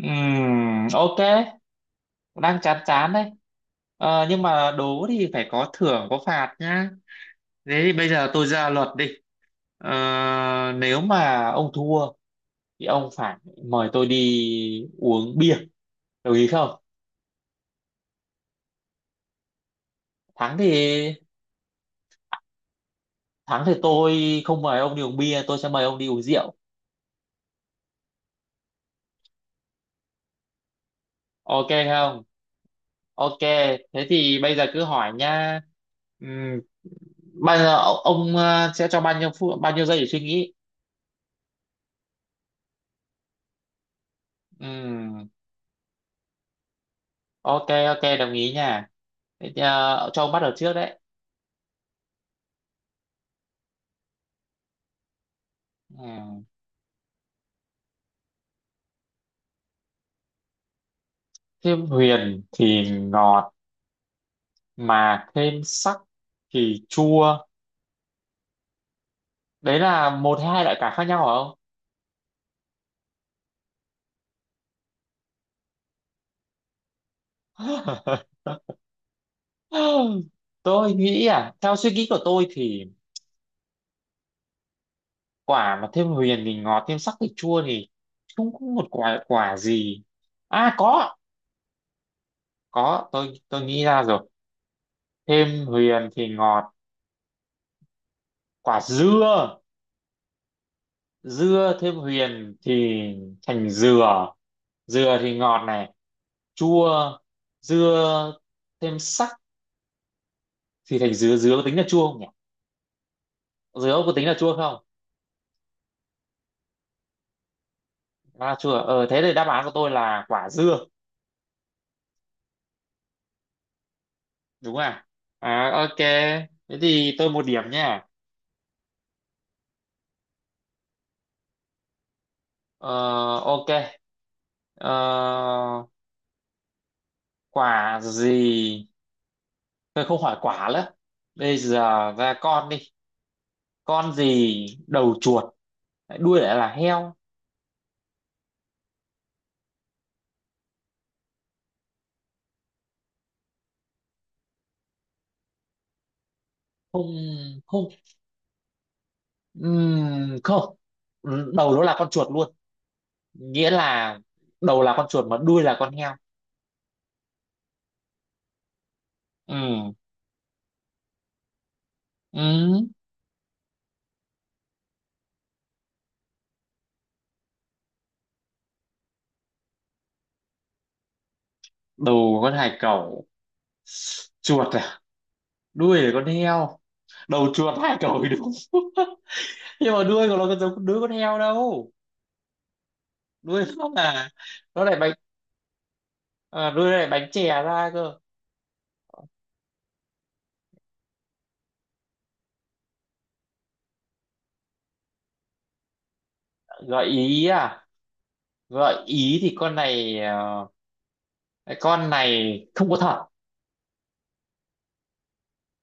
Ok, đang chán chán đấy. Nhưng mà đố thì phải có thưởng có phạt nhá. Thế thì bây giờ tôi ra luật đi. Ờ, Nếu mà ông thua thì ông phải mời tôi đi uống bia. Đồng ý không? Thắng thì thắng thì tôi không mời ông đi uống bia, tôi sẽ mời ông đi uống rượu. Ok không? Ok, thế thì bây giờ cứ hỏi nha. Ừm, bao giờ ông sẽ cho bao nhiêu phút, bao nhiêu giây để suy nghĩ? Ừm. Ok, ok, đồng ý nha. Thế thì, cho ông bắt đầu trước đấy. Ừ. Thêm huyền thì ngọt mà thêm sắc thì chua, đấy là một hay hai loại cả khác nhau hả ông? Tôi nghĩ à, theo suy nghĩ của tôi thì quả mà thêm huyền thì ngọt, thêm sắc thì chua thì không có một quả quả gì. À có, tôi nghĩ ra rồi. Thêm huyền thì ngọt. Quả dưa. Dưa thêm huyền thì thành dừa, dừa thì ngọt này. Chua. Dưa thêm sắc thì thành dứa, dứa có tính là chua không nhỉ? Dứa có tính là chua không? À, chua. Ờ thế thì đáp án của tôi là quả dưa, đúng không ạ? À ok, thế thì tôi một điểm nha. Ờ, ok. ờ, Quả gì, tôi không hỏi quả nữa, bây giờ ra con đi. Con gì đầu chuột lại đuôi lại là heo? Không, không, không, đầu nó là con chuột luôn, nghĩa là đầu là con chuột mà đuôi là con heo. Ừm. Ừm. Đầu con hải cẩu, chuột à, đuôi là con heo. Đầu chuột hải cẩu thì đúng, nhưng mà đuôi của nó có giống đuôi con heo đâu. Đuôi nó là, nó lại bánh, à, đuôi nó lại bánh chè ra cơ. Gợi ý à, gợi ý thì con này cái con này không có thật.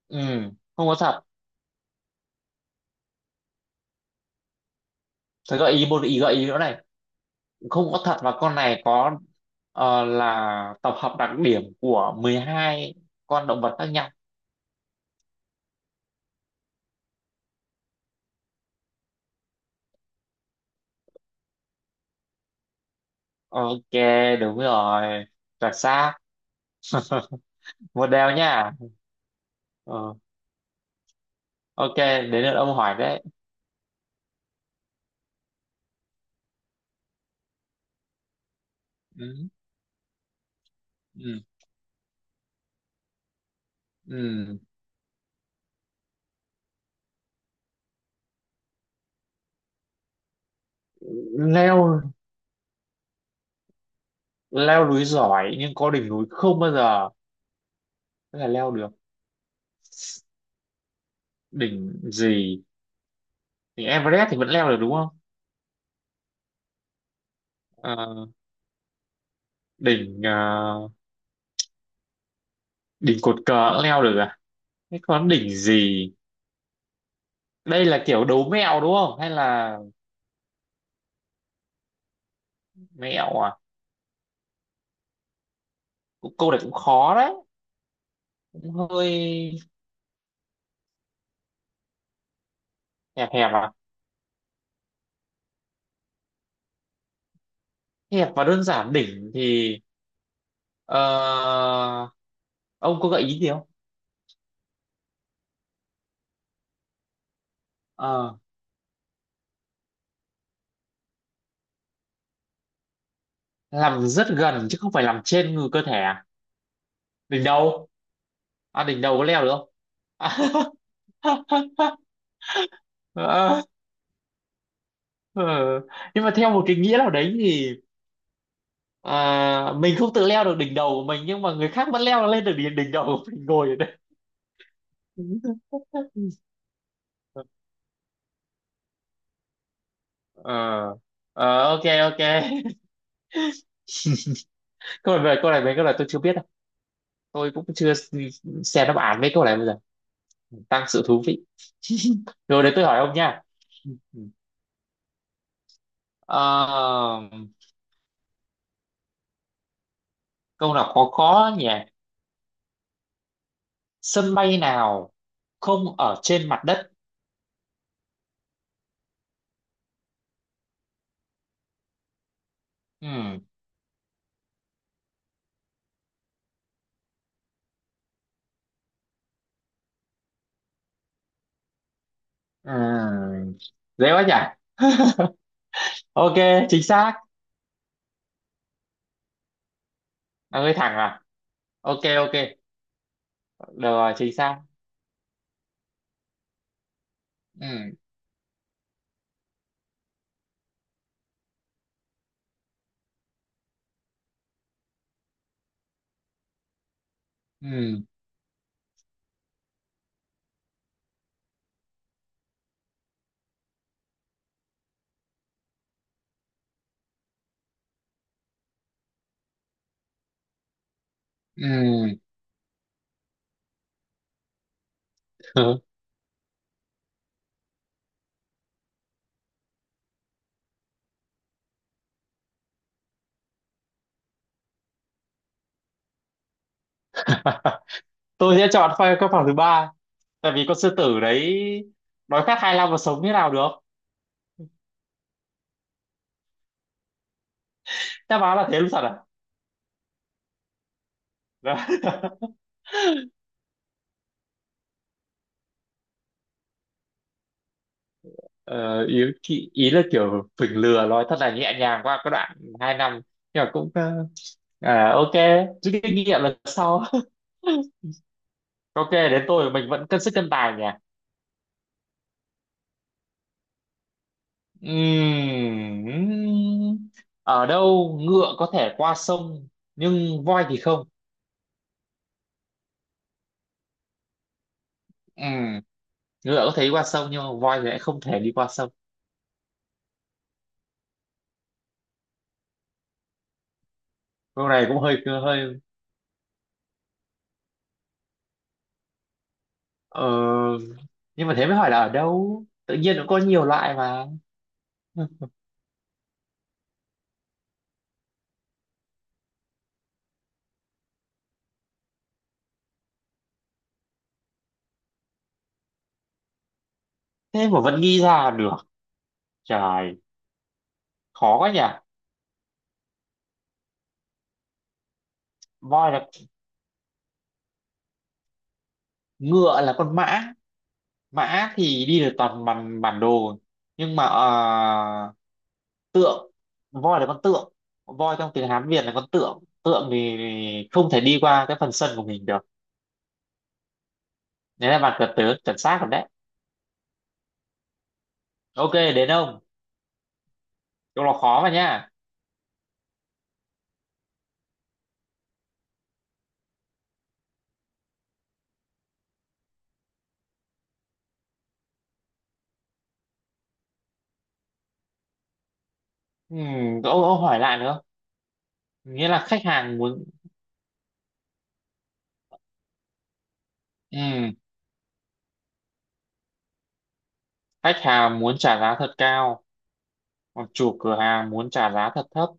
Không có thật. Thế gợi ý một ý, gợi ý nữa này, không có thật và con này có, là tập hợp đặc điểm của 12 con động vật khác nhau. Ok, đúng rồi, chuẩn xác. Một đều nha. Ờ, ok, đến lượt ông hỏi đấy. Ừ, ừ, ừ. leo leo núi giỏi nhưng có đỉnh núi không bao giờ có thể leo được, đỉnh gì? Đỉnh Everest thì vẫn leo được đúng không? Ờ, đỉnh đỉnh cột cờ cũng leo được à? Thế còn đỉnh gì? Đây là kiểu đố mẹo đúng không hay là, mẹo à? Cũng câu này cũng khó đấy, cũng hơi. Hẹp hẹp à, hẹp và đơn giản. Đỉnh thì, ờ, ông có gợi ý gì không? Ờ, làm rất gần chứ không phải làm trên người cơ thể à? Đỉnh đầu. À, đỉnh đầu có leo được không? Ờ, ờ. Nhưng mà theo một cái nghĩa nào đấy thì, à, mình không tự leo được đỉnh đầu của mình nhưng mà người khác vẫn leo lên được đỉnh đỉnh đầu của mình ngồi ở đây. Ờ, ờ, ok, ok. Câu này về câu này, mấy câu này tôi chưa biết đâu, tôi cũng chưa xem đáp án mấy câu này, bây giờ tăng sự thú vị. Rồi đấy, tôi hỏi ông nha. Ờ, câu nào khó khó nhỉ. Sân bay nào không ở trên mặt đất? Ừ. Ừ. Dễ quá nhỉ. Ok, chính xác. Là hơi thẳng à? Ok, ok, được rồi, chính xác. Ừ. Ừ. Ừ. Tôi sẽ chọn các phòng thứ ba, tại vì con sư tử đấy đói khát 25 mà sống như nào được. Đáp án là thế luôn thật à? Đó. Ờ, ý, ý ý là kiểu phỉnh lừa nói thật là nhẹ nhàng qua cái đoạn hai năm, nhưng mà cũng, à, ok, rút kinh nghiệm lần sau. Ok, đến tôi. Mình vẫn cân sức cân tài nhỉ. Ừm, Ở đâu ngựa có thể qua sông nhưng voi thì không? Ừm, Ngựa có thể đi qua sông nhưng mà voi thì lại không thể đi qua sông. Câu này cũng hơi hơi. ờ, nhưng mà thế mới hỏi là ở đâu, tự nhiên nó có nhiều loại mà. Thế mà vẫn nghĩ ra được, trời, khó quá nhỉ. Voi là, ngựa là con mã, mã thì đi được toàn bản bản đồ, nhưng mà tượng, voi là con tượng, voi trong tiếng Hán Việt là con tượng, tượng thì không thể đi qua cái phần sân của mình được. Đấy là bạn cật tớ chuẩn xác rồi đấy. Ok, đến ông. Câu là khó mà nha. Ông hỏi lại nữa. Nghĩa là khách hàng muốn. Ừ, khách hàng muốn trả giá thật cao, còn chủ cửa hàng muốn trả giá thật thấp.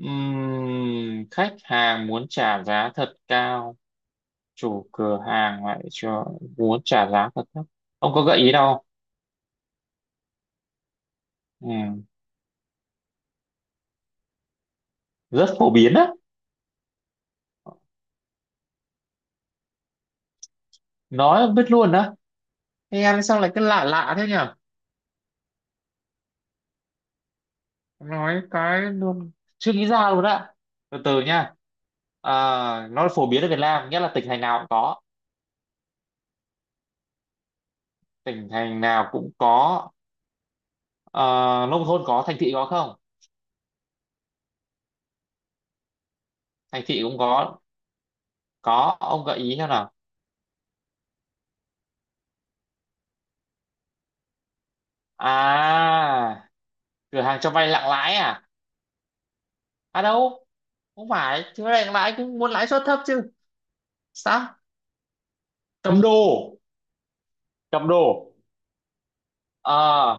Khách hàng muốn trả giá thật cao, chủ cửa hàng lại cho muốn trả giá thật thấp. Ông có gợi ý đâu? Không? Ừm, rất phổ biến á, nói biết luôn á. Thế em sao lại cứ lạ lạ thế nhỉ? Nói cái luôn, chưa nghĩ ra luôn á. Từ từ nha. À, nó phổ biến ở Việt Nam, nghĩa là tỉnh thành nào cũng có, tỉnh thành nào cũng có. Ờ, nông thôn có, thành thị có không? Thành thị cũng có. Có, ông gợi ý xem nào. À, cửa hàng cho vay nặng lãi à? À đâu, không phải chứ, vay nặng lãi cũng muốn lãi suất thấp chứ. Sao? Cầm đồ. Cầm đồ. Ờ.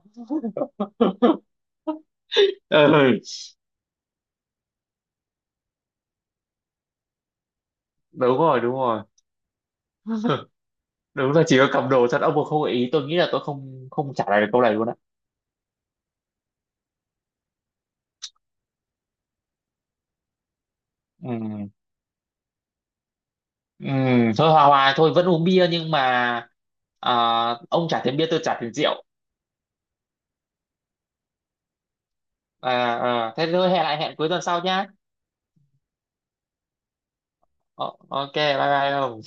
Ừ, đúng rồi, đúng rồi. Đúng là chỉ có cầm đồ thật, ông mà không gợi ý tôi nghĩ là tôi không, không trả lời được câu này luôn á. Ừ. Ừ, thôi hòa hòa thôi, vẫn uống bia nhưng mà, à, ông trả tiền bia tôi trả tiền rượu. À, à, thế thôi hẹn lại, hẹn cuối tuần sau nhá. Ờ, ok, bye bye không.